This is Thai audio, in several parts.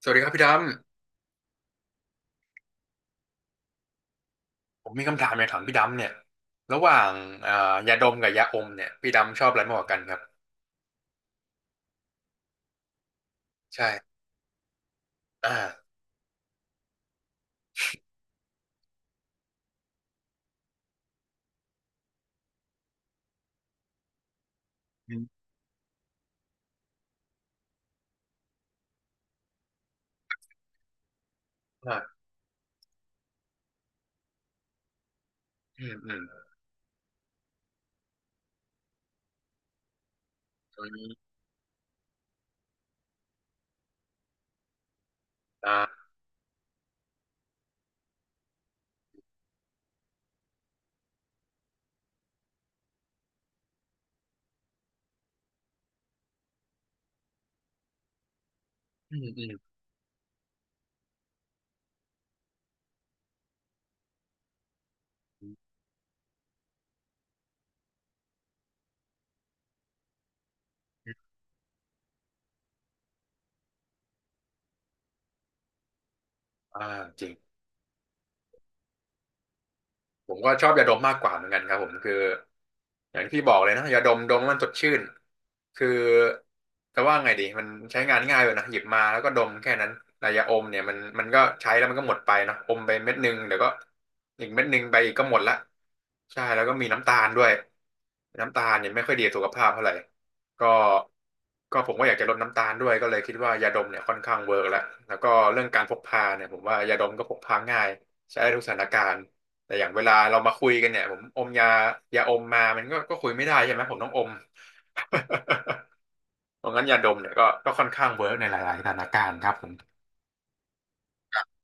สวัสดีครับพี่ดำผมมีคำถามอยากถามพี่ดำเนี่ยระหว่างอ่ายาดมกับยาอมเนี่ยพี่ดำชอบอะไรมากกว่ากันครับใช่อ่าอมอ่าอืมอืมอืมอ่าอืมอืมอืมอ่าจริง ผมก็ชอบยาดมมากกว่าเหมือนกันครับผมคืออย่างที่บอกเลยนะยาดมดมแล้วมันสดชื่นคือจะว่าไงดีมันใช้งานง่ายเลยนะหยิบมาแล้วก็ดมแค่นั้นแต่ยาอมเนี่ยมันก็ใช้แล้วมันก็หมดไปเนอะอมไปเม็ดหนึงเดี๋ยวก็อีกเม็ดหนึงไปอีกก็หมดละใช่แล้วก็มีน้ำตาลด้วยน้ำตาลเนี่ยไม่ค่อยดีต่อสุขภาพเท่าไหร่ก็ก็ผมก็อยากจะลดน้ำตาลด้วยก็เลยคิดว่ายาดมเนี่ยค่อนข้างเวิร์กแล้วแล้วก็เรื่องการพกพาเนี่ยผมว่ายาดมก็พกพาง่ายใช้ได้ทุกสถานการณ์ แต่อย่างเวลาเรามาคุยกันเนี่ยผมอมยาอมมามันก็คุยไม่ได้ใช่ไหมผมต้องอม เพราะงั้นยาดมเนี่ยก็ค่อนข้างเวิร์กในหลายๆสถานการณ์ครับผม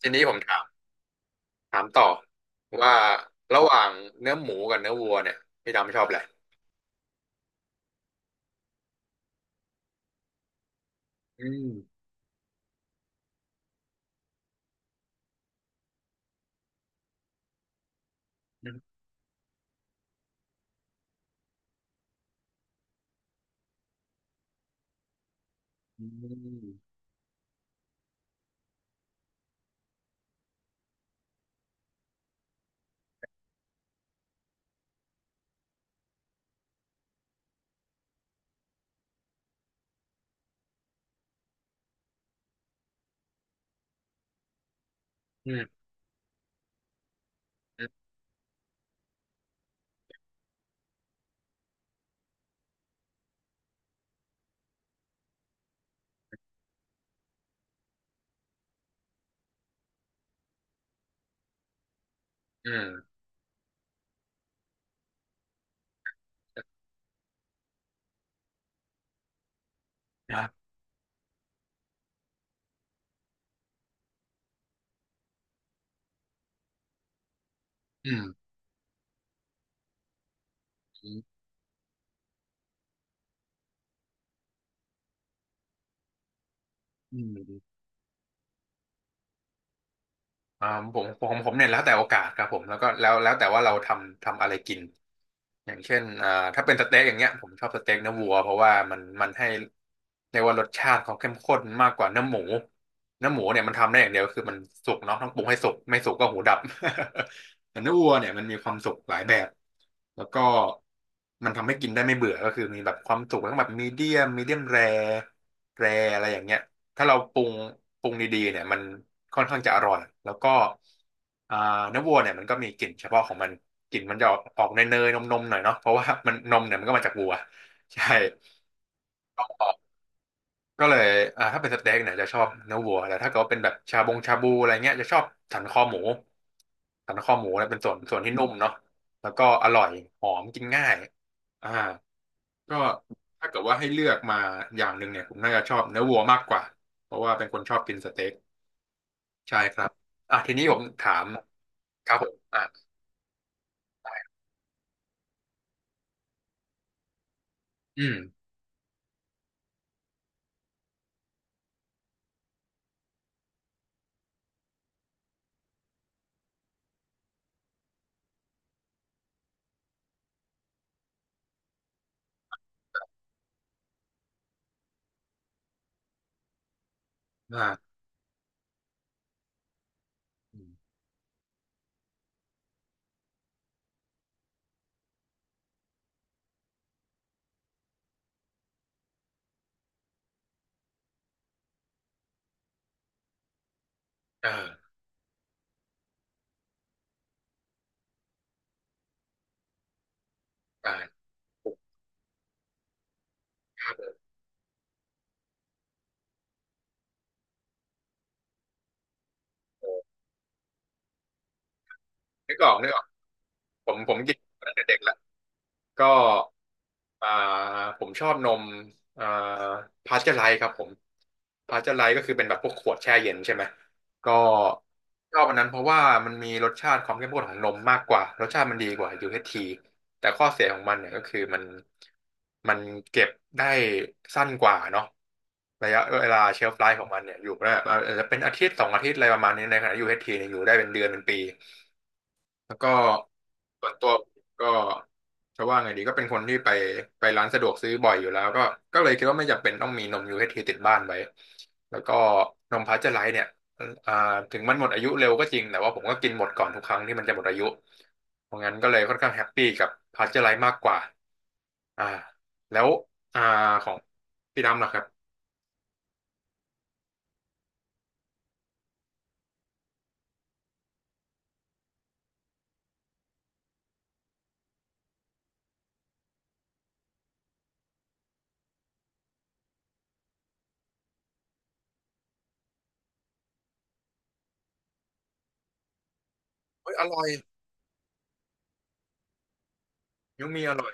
ทีนี้ผมถามถามต่อว่าระหว่างเนื้อหมูกับเนื้อวัวเนี่ยพี่ดำชอบอะไรอืมอืมอืมอืมอืมอืมครับอืมอืม อ่าผมเนี่ยแล้วแต่โอกาสครับผมแล้วก็แล้วแล้วแต่ว่าเราทำอะไรกินอย่างเช่นถ้าเป็นสเต็กอย่างเงี้ยผมชอบสเต็กเนื้อวัวเพราะว่ามันให้เรียกว่ารสชาติเขาเข้มข้นมากกว่าเนื้อหมูเนื้อหมูเนี่ยมันทำได้อย่างเดียวคือมันสุกเนาะต้องปรุงให้สุกไม่สุกก็หูดับ แต่เนื้อวัวเนี่ยมันมีความสุกหลายแบบแล้วก็มันทำให้กินได้ไม่เบื่อก็คือมีแบบความสุกทั้งแบบมีเดียมมีเดียมแรแรอะไรอย่างเงี้ย ถ้าเราปรุงดีๆเนี่ยมันค่อนข้างจะอร่อยแล้วก็อ่าเนื้อวัวเนี่ยมันก็มีกลิ่นเฉพาะของมันกลิ่นมันจะออกเนยๆนมๆหน่อยเนาะเพราะว่า มันนมเนี่ยมันก็มาจากวัวใช่ก็เลยถ้าเป็นสเต็กเนี่ยจะชอบเนื้อวัวแต่ถ้าเกิดว่าเป็นแบบชาบงชาบูอะไรเงี้ยจะชอบสันคอหมูสันคอหมูเนี่ยเป็นส่วนที่นุ่มเนาะแล้วก็อร่อยหอมกินง่ายอ่าก็ถ้าเกิดว่าให้เลือกมาอย่างหนึ่งเนี่ยผมน่าจะชอบเนื้อวัวมากกว่าเพราะว่าเป็นคนชอบกินสเต็ก ใช่ครับ อ่ะทีนี้ผมถามครับผมอ่ะอืมอ่าอืมเอออ่าครับเออนึกออก นึกออก ผมผมกินมาตั้งแต่เด็กละ ก็อ่าผมชอบนมอ่าพาสเจอร์ไลท์ครับผมพาสเจอร์ไลท์ก็คือเป็นแบบพวกขวดแช่เย็นใช่ไหมก็ชอบอันนั้นเพราะว่ามันมีรสชาติความเข้มข้นของนมมากกว่ารสชาติมันดีกว่า u ท t แต่ข้อเสียของมันเนี่ยก็คือมันเก็บได้สั้นกว่าเนาะระยะเวลาเชลฟ์ไลฟ์ของมันเนี่ยอยู่ได้อาจจะเป็นอาทิตย์สองอาทิตย์อะไรประมาณนี้ในขณะ u ทีเนี่ยอยู่ได้เป็นเดือนเป็นปี แล้วก็ส่วนตัวก็จะว่าไงดีก็เป็นคนที่ไปร้านสะดวกซื้อบ่อยอยู่แล้วก็ก็เลยคิดว่าไม่จำเป็นต้องมีนม UHT ติดบ้านไว้แล้วก็นมพาสเจอร์ไลซ์เนี่ยอ่าถึงมันหมดอายุเร็วก็จริงแต่ว่าผมก็กินหมดก่อนทุกครั้งที่มันจะหมดอายุเพราะงั้นก็เลยค่อนข้างแฮปปี้กับพาสเจอร์ไลซ์มากกว่าอ่าแล้วอ่าของพี่ดำล่ะครับเฮ้ยอร่อยยูมีอร่อย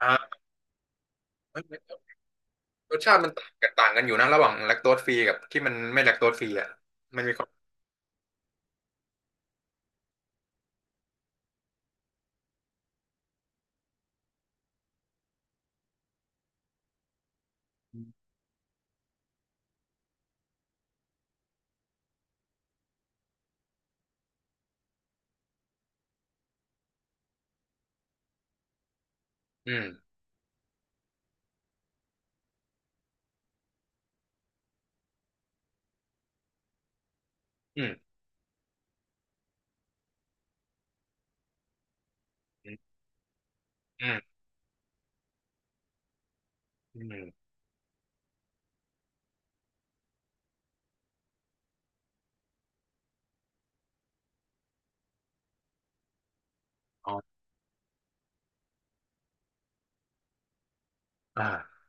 อ่า รสชาติมันต่างกันอยู่นะระหว่างแลคโตสฟรีกับที่มันไม่แลคโตสฟรีอ่ะมันมีความอืมอืมอืมอืมอืมอ๋ออ่า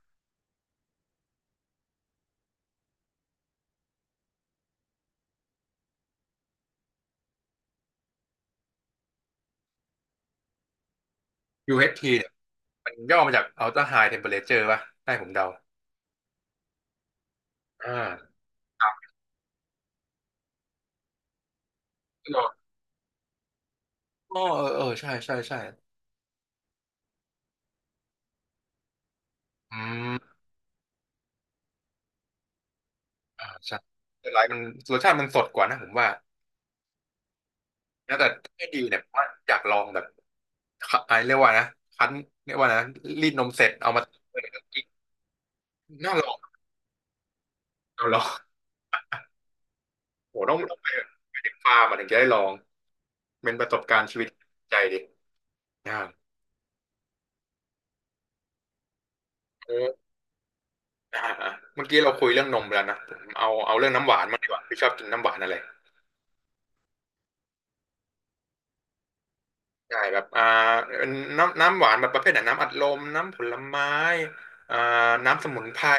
UHT เอชทีเนี่ยมันย่อมาจาก Ultra High Temperature ป่ะให้ผมเดาอ่าครับอ๋อเออเออใช่ใช่ใช่อืมใช่แต่หลายมันรสชาติมันสดกว่านะผมว่านะแต่ให้ดีเนี่ยผมว่าอยากลองแบบไอะเรียกว่านะคั้นเรียกว่านะรีดนมเสร็จเอามาเปิกินน่าลองน่าลองโหต้องไปไปถึงฟาร์มอะถึงจะได้ลอง เป็นประสบการณ์ชีวิตใจดิอ่ากเอออ่าเมื่อกี้เราคุยเรื่องนมไปแล้วนะผมเอาเอาเรื่องน้ำหวานมางดีกว่าพี่ชอบกินน้ำหวานอะไรใช่แบบน้ำหวานแบบประเภทไหนน้ำอัดลมน้ำผลไม้อ่าน้ำสมุนไพร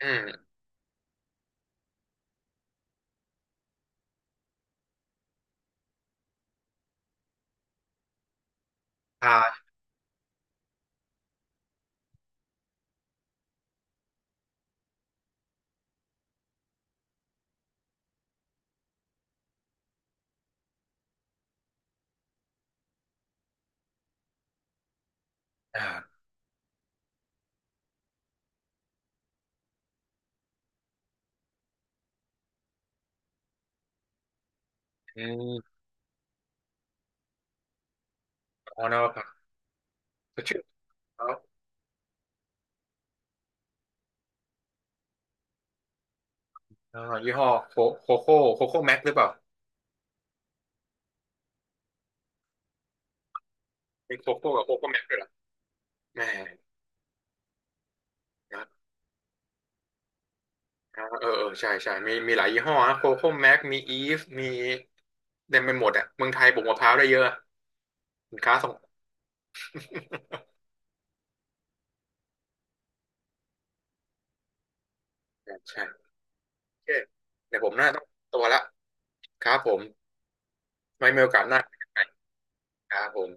อืมชาอ่าอืมอ๋อนะครับชื่อเขายี่ห้อโคโคโค่โคโค่แม็กหรือเปล่ามีโคโค่กับโคโค่แม็กด้วยเหรอแหม่อ่า เออเออใช่ใช่มีมีหลายยี่ห้อนะโคโค่แม็ก มีอีฟ มีเต็มไปหมดอ่ะเมืองไทยปลูกมะพร้าวได้เยอะสินค้าส่ง ใช่ใช่โอเคเดี๋ยวผมน่าต้องตัวละครับผมไม่มีโอกาสหน้าครับผม